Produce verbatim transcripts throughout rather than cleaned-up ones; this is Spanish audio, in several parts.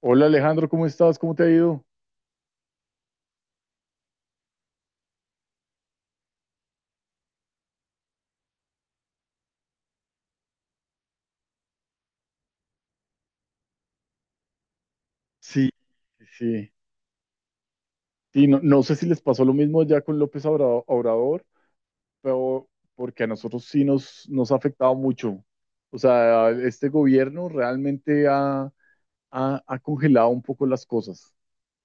Hola Alejandro, ¿cómo estás? ¿Cómo te ha ido? Sí, sí. Sí, no, no sé si les pasó lo mismo ya con López Obra- Obrador, pero porque a nosotros sí nos, nos ha afectado mucho. O sea, este gobierno realmente ha, ha, ha congelado un poco las cosas.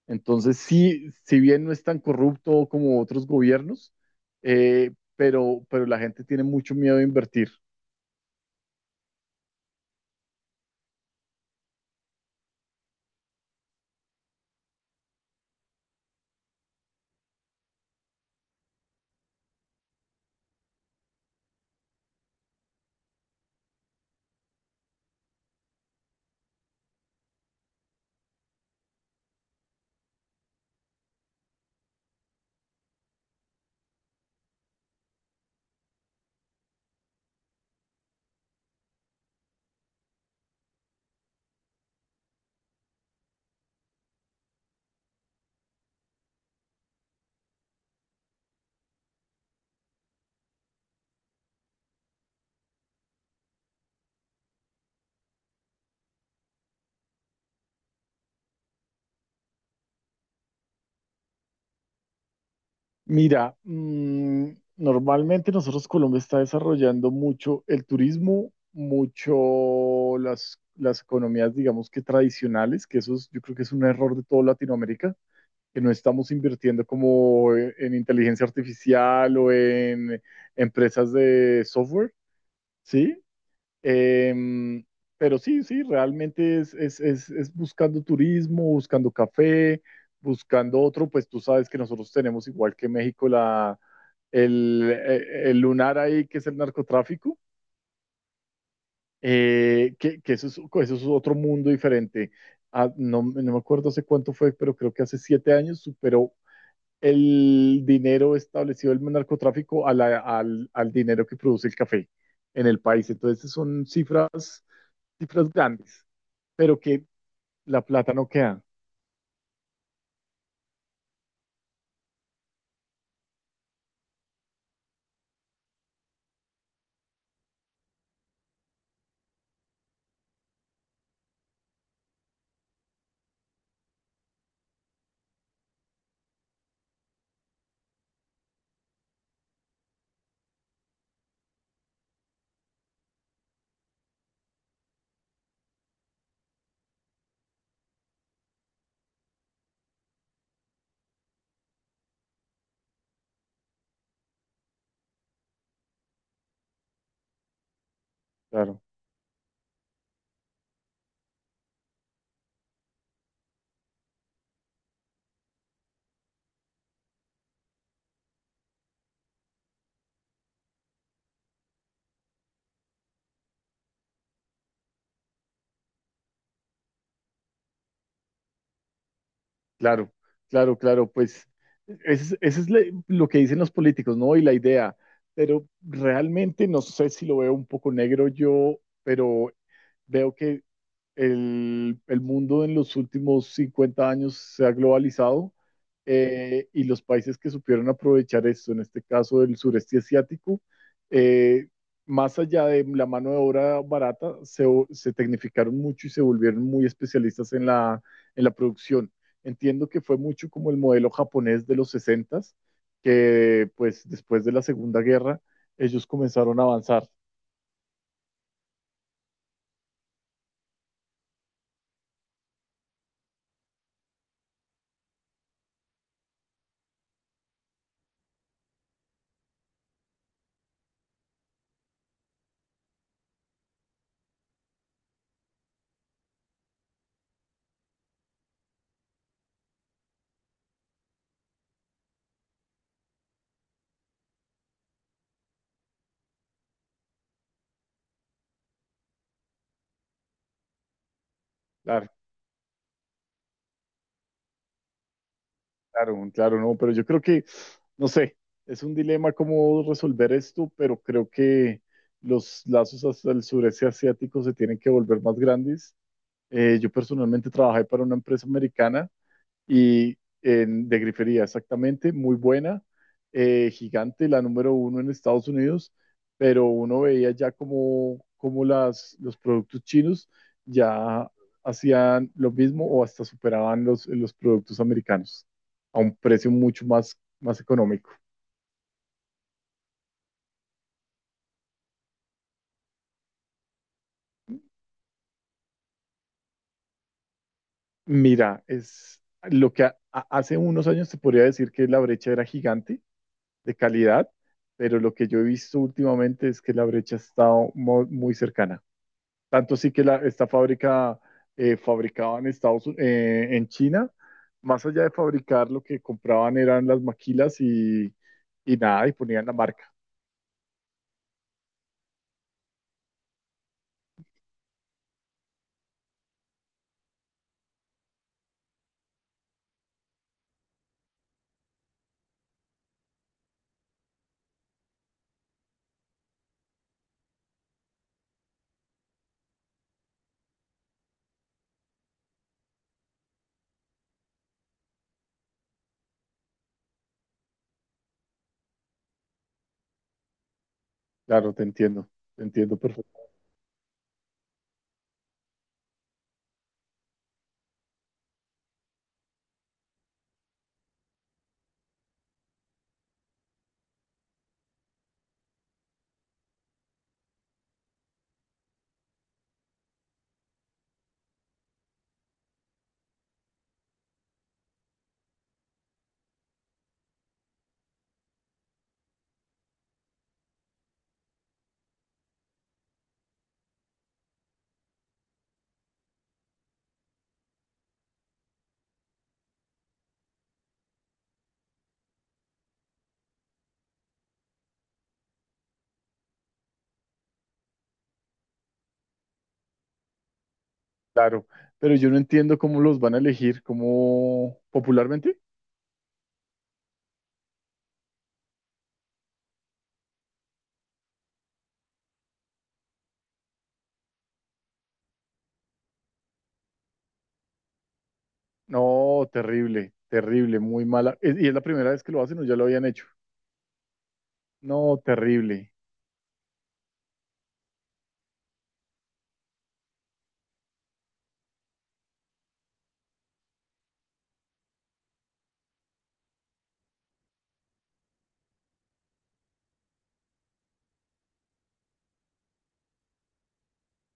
Entonces, sí, si bien no es tan corrupto como otros gobiernos, eh, pero, pero la gente tiene mucho miedo a invertir. Mira, mm, normalmente nosotros Colombia está desarrollando mucho el turismo, mucho las, las economías, digamos que tradicionales, que eso es- yo creo que es un error de toda Latinoamérica, que no estamos invirtiendo como en inteligencia artificial o en empresas de software, ¿sí? Em, pero sí, sí, realmente es, es, es, es buscando turismo, buscando café, buscando otro. Pues tú sabes que nosotros tenemos igual que México la, el, eh, el lunar ahí, que es el narcotráfico. eh, que, que eso es, eso es otro mundo diferente. Ah, no, no me acuerdo hace cuánto fue, pero creo que hace siete años superó el dinero establecido el narcotráfico a la- al, al dinero que produce el café en el país. Entonces son cifras, cifras grandes, pero que la plata no queda, claro. Claro, claro, claro, pues eso es, ese es le- lo que dicen los políticos, ¿no? Y la idea. Pero realmente no sé, si lo veo un poco negro yo, pero veo que el, el mundo en los últimos cincuenta años se ha globalizado. Eh, y los países que supieron aprovechar esto, en este caso del sureste asiático, eh, más allá de la mano de obra barata, se, se tecnificaron mucho y se volvieron muy especialistas en la, en la producción. Entiendo que fue mucho como el modelo japonés de los sesentas, que pues después de la Segunda Guerra ellos comenzaron a avanzar. Claro, claro, no, pero yo creo que, no sé, es un dilema cómo resolver esto, pero creo que los lazos hasta el sureste asiático se tienen que volver más grandes. Eh, yo personalmente trabajé para una empresa americana y en- de grifería, exactamente, muy buena, eh, gigante, la número uno en Estados Unidos, pero uno veía ya como, como las, los productos chinos ya hacían lo mismo o hasta superaban los, los productos americanos a un precio mucho más, más económico. Mira, es lo que ha- ha- hace unos años te podría decir que la brecha era gigante de calidad, pero lo que yo he visto últimamente es que la brecha ha estado mo- muy cercana. Tanto sí que la, esta fábrica eh, fabricaba en Estados Unidos, en China. Más allá de fabricar, lo que compraban eran las maquilas y, y nada, y ponían la marca. Claro, te entiendo, te entiendo perfecto. Claro, pero yo no entiendo cómo los van a elegir, cómo, popularmente. No, terrible, terrible, muy mala. Es- ¿y es la primera vez que lo hacen o ya lo habían hecho? No, terrible.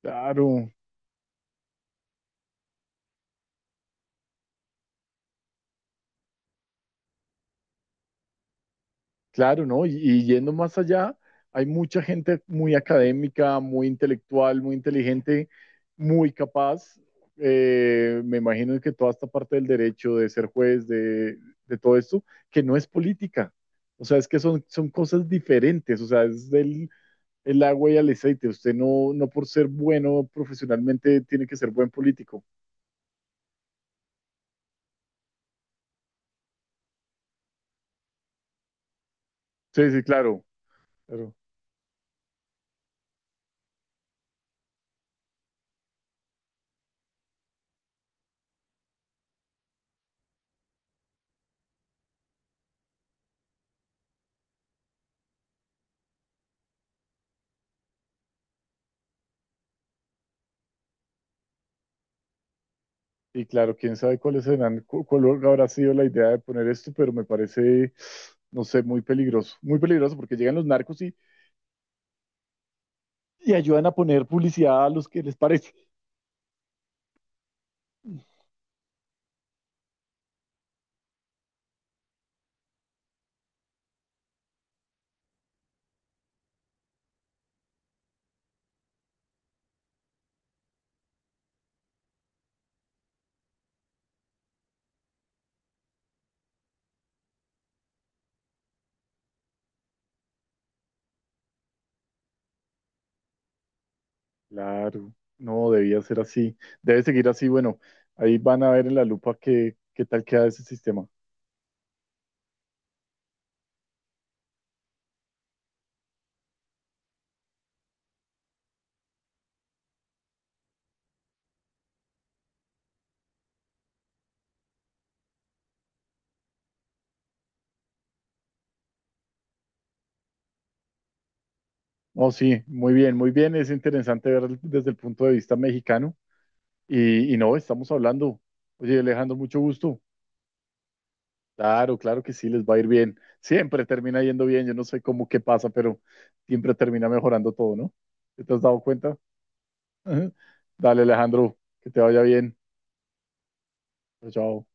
Claro, claro, ¿no? Y, y yendo más allá, hay mucha gente muy académica, muy intelectual, muy inteligente, muy capaz. Eh, me imagino que toda esta parte del derecho, de ser juez, de, de todo esto, que no es política. O sea, es que son, son cosas diferentes. O sea, es del el agua y el aceite. Usted no, no por ser bueno profesionalmente tiene que ser buen político. Sí, sí, claro. Claro. Y claro, quién sabe cuáles serán, cu- cuál habrá sido la idea de poner esto, pero me parece, no sé, muy peligroso. Muy peligroso porque llegan los narcos y, y ayudan a poner publicidad a los que les parece. Claro, no, debía ser así. Debe seguir así. Bueno, ahí van a ver en la lupa qué, qué tal queda ese sistema. Oh, sí, muy bien, muy bien. Es interesante ver desde el punto de vista mexicano. Y, y no, estamos hablando. Oye, Alejandro, mucho gusto. Claro, claro que sí, les va a ir bien. Siempre termina yendo bien. Yo no sé cómo qué pasa, pero siempre termina mejorando todo, ¿no? ¿Te has dado cuenta? Dale, Alejandro, que te vaya bien. Chao, chao.